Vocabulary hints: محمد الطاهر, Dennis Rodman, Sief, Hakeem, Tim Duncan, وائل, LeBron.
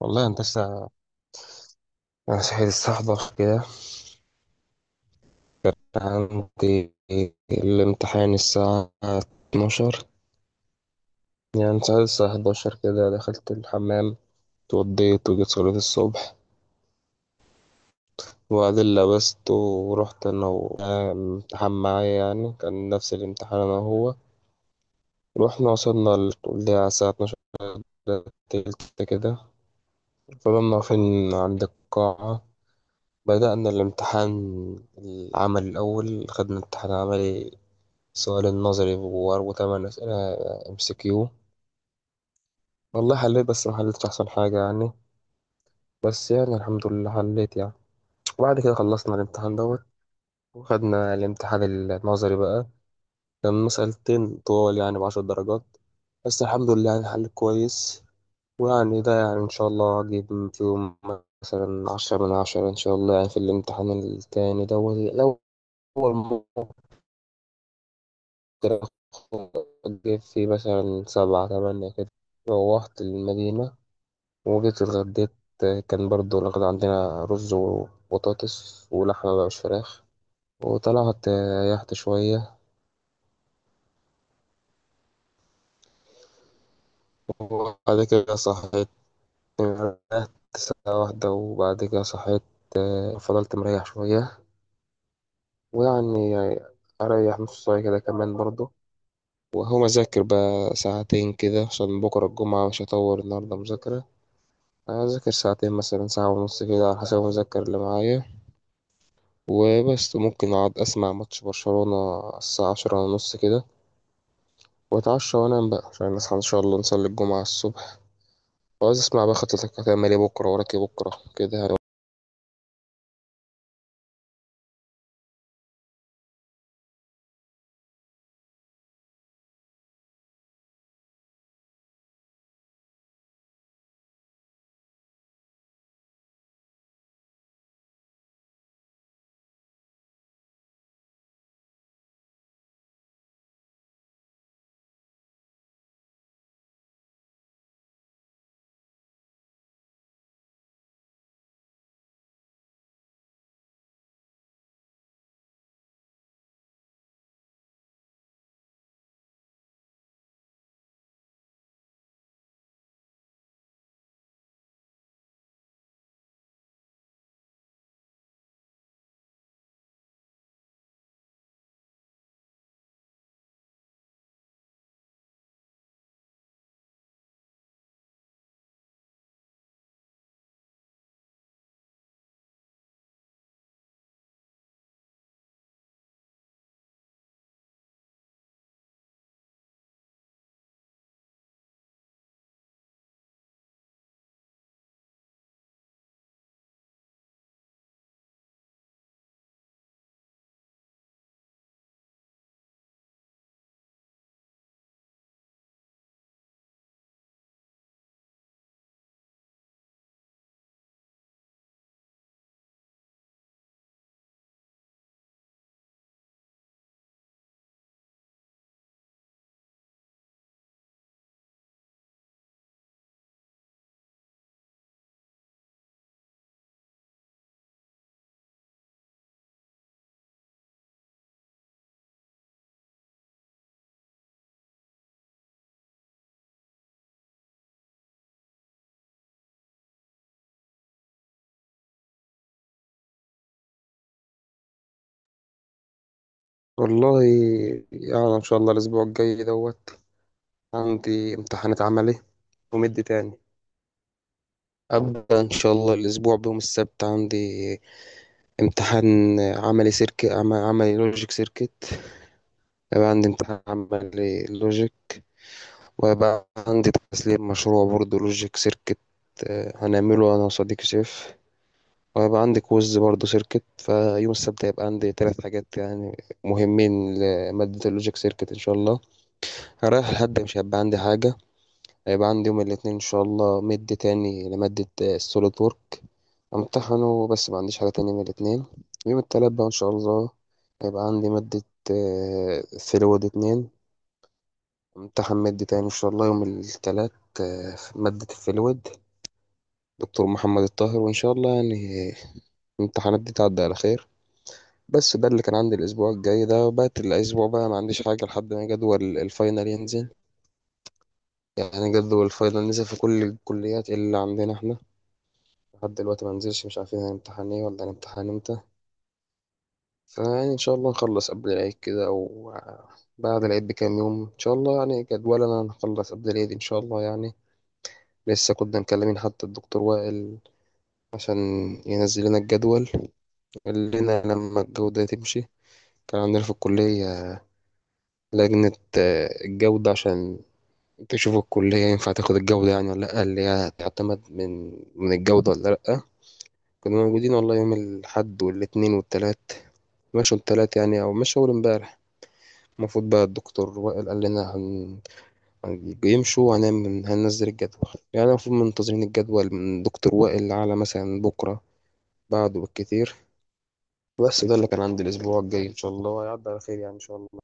والله يا هندسة، أنا صحيت الساعة 11 كده. عندي الامتحان الساعة 12. يعني صحيت الساعة 11 كده، دخلت الحمام، اتوضيت وجيت صلاة الصبح، وبعدين لبست ورحت. أنا والامتحان معايا، يعني كان نفس الامتحان أنا وهو. رحنا وصلنا الكلية على الساعة 12 تلت كده، فضلنا واقفين عند القاعة، بدأنا الامتحان. العمل الأول خدنا امتحان عملي، السؤال النظري وأربع تمن أسئلة ام سي كيو. والله حليت بس ما حليتش أحسن حاجة يعني، بس يعني الحمد لله حليت يعني. وبعد كده خلصنا الامتحان دوت، وخدنا الامتحان النظري بقى. كان مسألتين طوال يعني بعشر درجات، بس الحمد لله يعني حليت كويس، ويعني ده يعني إن شاء الله أجيب فيهم مثلا عشرة من عشرة إن شاء الله، يعني في الامتحان التاني دوت الأول كده جيت فيه مثلا سبعة تمانية كده. روحت المدينة وجيت اتغديت، كان برضو الغدا عندنا رز وبطاطس ولحمة بقى مش فراخ. وطلعت ريحت شوية، وبعد كده صحيت. ريحت ساعة واحدة وبعد كده صحيت، فضلت مريح شوية، ويعني أريح نص ساعة كده كمان برضو. وهو مذاكر بقى ساعتين كده عشان بكرة الجمعة مش هطور النهاردة مذاكرة. أنا أذاكر ساعتين مثلا ساعة ونص كده، على حسب المذاكر اللي معايا. وبس ممكن أقعد أسمع ماتش برشلونة الساعة عشرة ونص كده، وأتعشى وأنام بقى عشان نصحى إن شاء الله نصلي الجمعة الصبح. وعايز أسمع بقى خطتك هتعمل إيه بكرة، وراك إيه بكرة كده يعني. والله يعني إن شاء الله الأسبوع الجاي دوت عندي امتحانات عملي ومد تاني. أبدأ إن شاء الله الأسبوع بيوم السبت، عندي امتحان عملي سيركت، عملي لوجيك سيركت. يبقى عندي امتحان عملي لوجيك، وبقى عندي تسليم مشروع برضه لوجيك سيركت، هنعمله أنا وصديقي سيف. وهيبقى عندي كويز برضه سيركت، فيوم السبت هيبقى عندي تلات حاجات يعني مهمين لمادة اللوجيك سيركت إن شاء الله. رايح الحد مش هيبقى عندي حاجة، هيبقى عندي يوم الاثنين إن شاء الله مد تاني لمادة السوليد وورك، امتحنه بس ما عنديش حاجة تانية من الاثنين. يوم التلات بقى إن شاء الله هيبقى عندي مادة فلويد اتنين، امتحان مادة تاني إن شاء الله يوم التلات، في مادة الفلويد دكتور محمد الطاهر. وإن شاء الله يعني الامتحانات دي تعدي على خير. بس ده اللي كان عندي الأسبوع الجاي، ده بقت الأسبوع بقى ما عنديش حاجة لحد ما جدول الفاينل ينزل. يعني جدول الفاينل نزل في كل الكليات اللي عندنا احنا، لحد دلوقتي ما نزلش، مش عارفين هنمتحن ايه ولا هنمتحن امتى. فيعني إن شاء الله نخلص قبل العيد كده، أو بعد العيد بكام يوم، إن شاء الله يعني جدولنا نخلص قبل العيد إن شاء الله يعني. لسه كنا مكلمين حتى الدكتور وائل عشان ينزل لنا الجدول، قال لنا لما الجودة تمشي. كان عندنا في الكلية لجنة، الجودة، عشان تشوف الكلية ينفع تاخد الجودة يعني ولا لأ، اللي هي تعتمد من الجودة ولا لأ. كنا موجودين والله يوم الأحد والاتنين والتلات، مشوا التلات يعني أو مشوا أول امبارح. المفروض بقى الدكتور وائل قال لنا يمشوا وهنعمل هننزل الجدول. يعني المفروض منتظرين الجدول من دكتور وائل على مثلا بكرة، بعده بالكتير. بس ده اللي كان عندي الأسبوع الجاي، إن شاء الله هيعدي على خير يعني إن شاء الله